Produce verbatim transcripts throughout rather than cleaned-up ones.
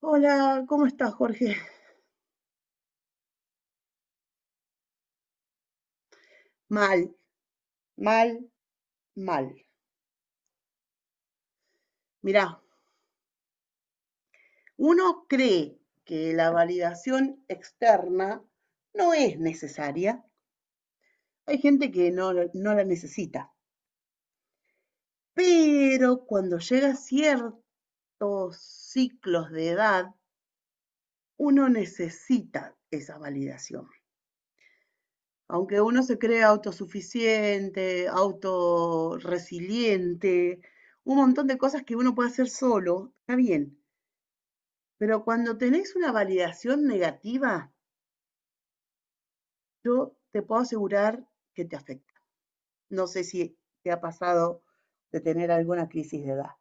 Hola, ¿cómo estás, Jorge? Mal, mal, mal. Mirá, uno cree que la validación externa no es necesaria. Hay gente que no, la- no la necesita. Pero cuando llega a ciertos ciclos de edad, uno necesita esa validación. Aunque uno se cree autosuficiente, autorresiliente, un montón de cosas que uno puede hacer solo, está bien. Pero cuando tenés una validación negativa, yo te puedo asegurar que te afecta. No sé si te ha pasado de tener alguna crisis de edad.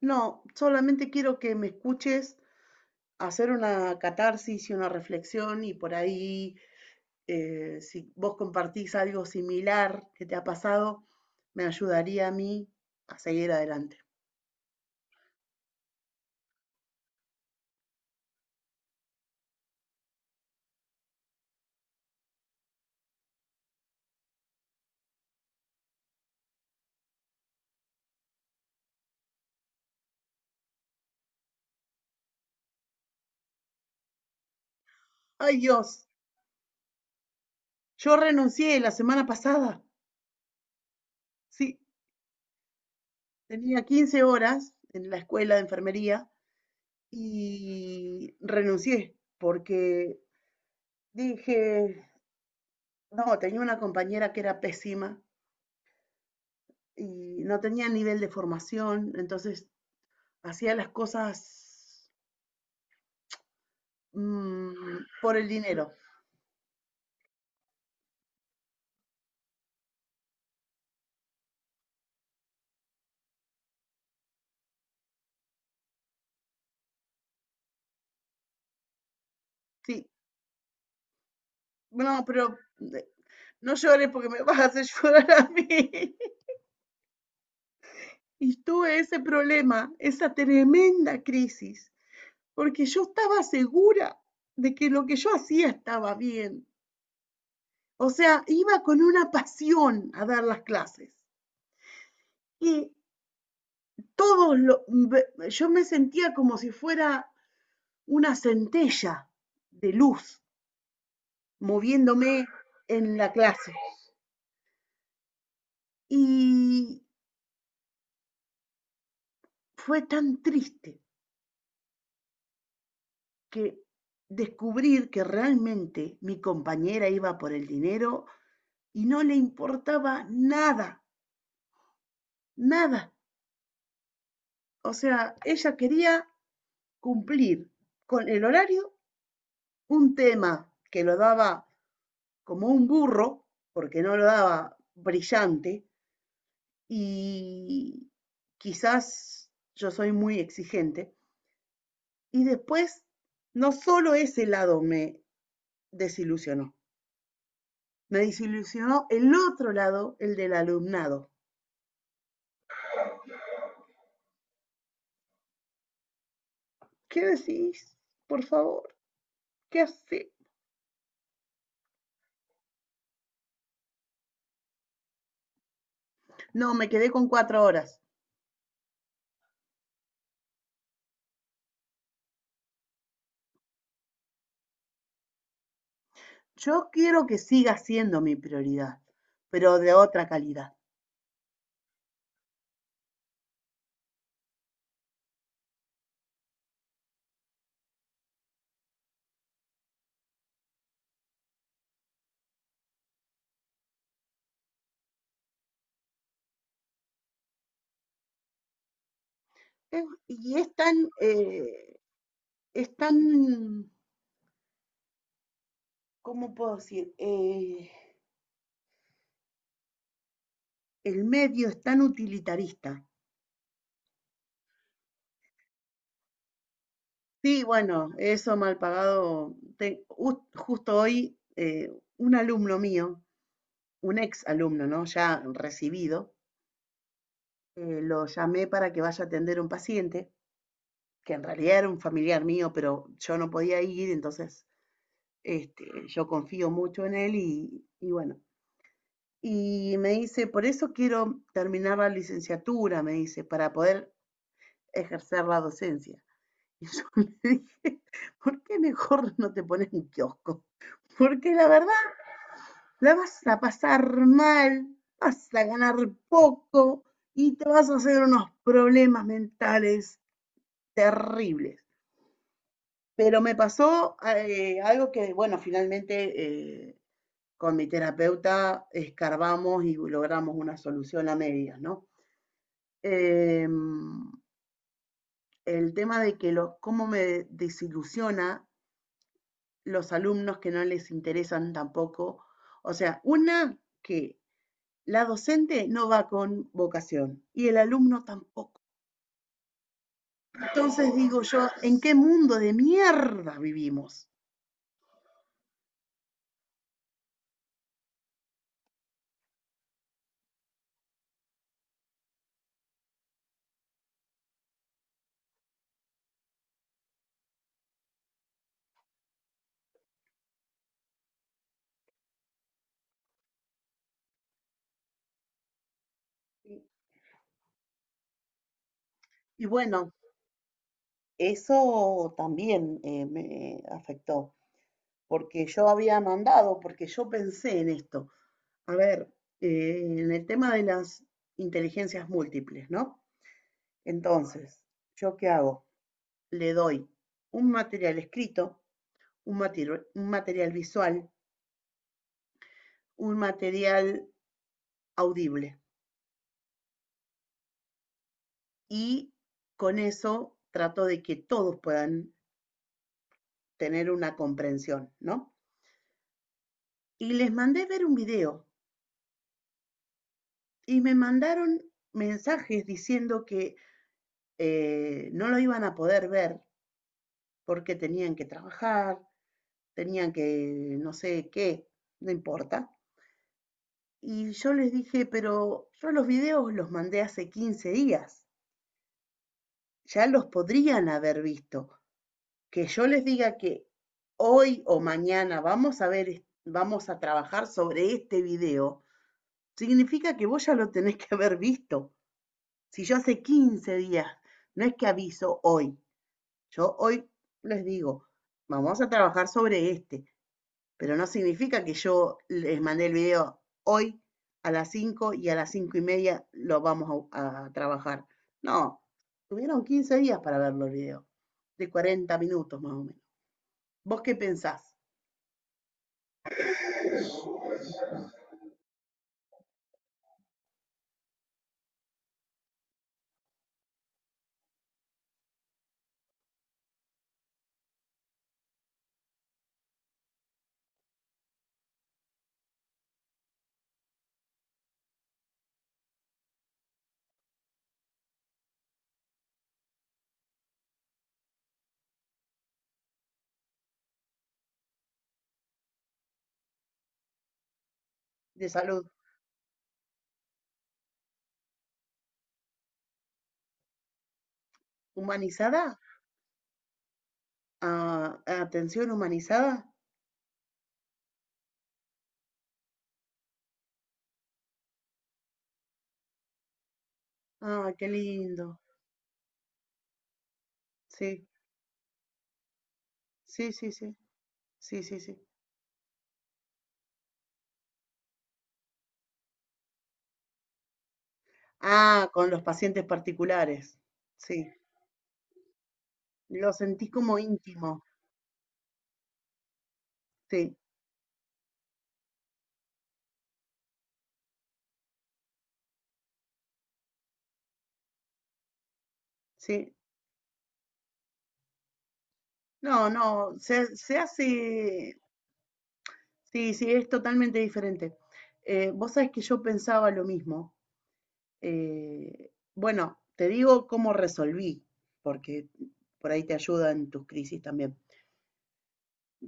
No, solamente quiero que me escuches hacer una catarsis y una reflexión y por ahí, eh, si vos compartís algo similar que te ha pasado, me ayudaría a mí a seguir adelante. Ay Dios, yo renuncié la semana pasada. Sí, tenía quince horas en la escuela de enfermería. Y renuncié porque dije, no, tenía una compañera que era pésima y no tenía nivel de formación, entonces hacía las cosas mm, por el dinero. Sí, no, pero eh, no llores porque me vas a hacer llorar a mí. Y tuve ese problema, esa tremenda crisis, porque yo estaba segura de que lo que yo hacía estaba bien. O sea, iba con una pasión a dar las clases. Y todos, lo, yo me sentía como si fuera una centella de luz moviéndome en la clase. Y fue tan triste que descubrir que realmente mi compañera iba por el dinero y no le importaba nada, nada. O sea, ella quería cumplir con el horario, un tema que lo daba como un burro, porque no lo daba brillante, y quizás yo soy muy exigente. Y después, no solo ese lado me desilusionó, me desilusionó el otro lado, el del alumnado. ¿Qué decís? Por favor, ¿qué hace? No, me quedé con cuatro horas. Yo quiero que siga siendo mi prioridad, pero de otra calidad. Y es tan, eh, es tan, ¿cómo puedo decir? Eh, el medio es tan utilitarista. Sí, bueno, eso mal pagado. Te- jus- justo hoy, eh, un alumno mío, un ex alumno, ¿no? Ya recibido, eh, lo llamé para que vaya a atender a un paciente, que en realidad era un familiar mío, pero yo no podía ir, entonces este, yo confío mucho en él y, y bueno. Y me dice, por eso quiero terminar la licenciatura, me dice, para poder ejercer la docencia. Y yo le dije, ¿por qué mejor no te pones un kiosco? Porque la verdad, la vas a pasar mal, vas a ganar poco y te vas a hacer unos problemas mentales terribles. Pero me pasó eh, algo que, bueno, finalmente eh, con mi terapeuta escarbamos y logramos una solución a medias, ¿no? Eh, el tema de que lo, cómo me desilusiona los alumnos que no les interesan tampoco. O sea, una que la docente no va con vocación y el alumno tampoco. Entonces digo yo, ¿en qué mundo de mierda vivimos? Y bueno, eso también eh, me afectó, porque yo había mandado, porque yo pensé en esto. A ver, eh, en el tema de las inteligencias múltiples, ¿no? Entonces, ¿yo qué hago? Le doy un material escrito, un, matiro- un material visual, un material audible. Y con eso trato de que todos puedan tener una comprensión, ¿no? Y les mandé ver un video y me mandaron mensajes diciendo que eh, no lo iban a poder ver porque tenían que trabajar, tenían que no sé qué, no importa. Y yo les dije, pero yo los videos los mandé hace quince días, ya los podrían haber visto. Que yo les diga que hoy o mañana vamos a ver, vamos a trabajar sobre este video, significa que vos ya lo tenés que haber visto. Si yo hace quince días, no es que aviso hoy, yo hoy les digo, vamos a trabajar sobre este, pero no significa que yo les mandé el video hoy a las cinco y a las cinco y media lo vamos a, a trabajar. No, tuvieron quince días para ver los videos, de cuarenta minutos más o menos. ¿Vos qué pensás? De salud humanizada. Ah, atención humanizada. Ah, qué lindo. Sí, sí, sí, sí, sí, sí, sí. Ah, con los pacientes particulares. Sí, lo sentí como íntimo. Sí, sí. No, no, se, se hace, sí, sí, es totalmente diferente. Eh, vos sabés que yo pensaba lo mismo. Eh, bueno, te digo cómo resolví, porque por ahí te ayuda en tus crisis también.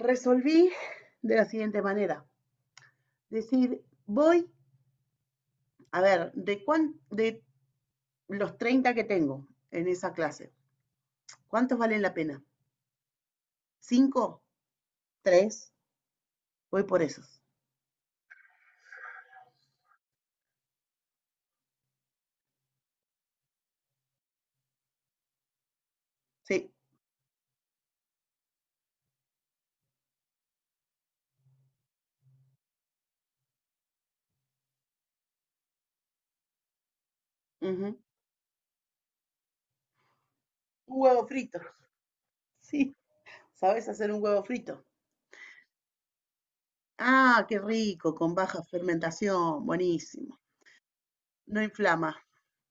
Resolví de la siguiente manera. Decir, voy, a ver, de, cuán, de los treinta que tengo en esa clase, ¿cuántos valen la pena? ¿Cinco? ¿Tres? Voy por esos. Sí. Uh -huh. Un huevo frito. Sí. ¿Sabes hacer un huevo frito? Ah, qué rico, con baja fermentación. Buenísimo. No inflama.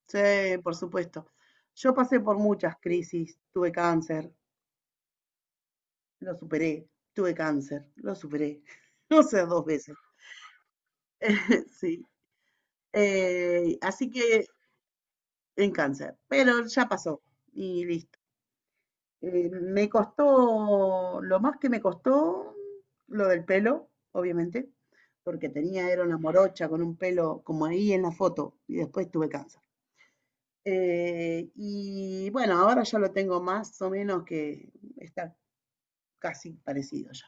Sí, por supuesto. Yo pasé por muchas crisis. Tuve cáncer, lo superé. Tuve cáncer, lo superé. No sé, dos veces. Sí. Eh, así que en cáncer, pero ya pasó y listo. Eh, me costó, lo más que me costó, lo del pelo, obviamente, porque tenía, era una morocha con un pelo como ahí en la foto y después tuve cáncer. Eh, y bueno, ahora ya lo tengo más o menos, que está casi parecido ya.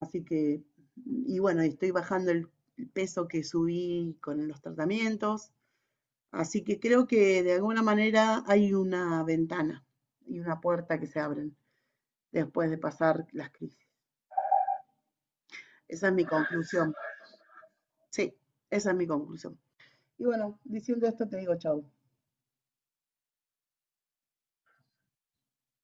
Así que, y bueno, y estoy bajando el el peso que subí con los tratamientos. Así que creo que de alguna manera hay una ventana y una puerta que se abren después de pasar las crisis. Esa es mi conclusión. Sí, esa es mi conclusión. Y bueno, diciendo esto te digo chau.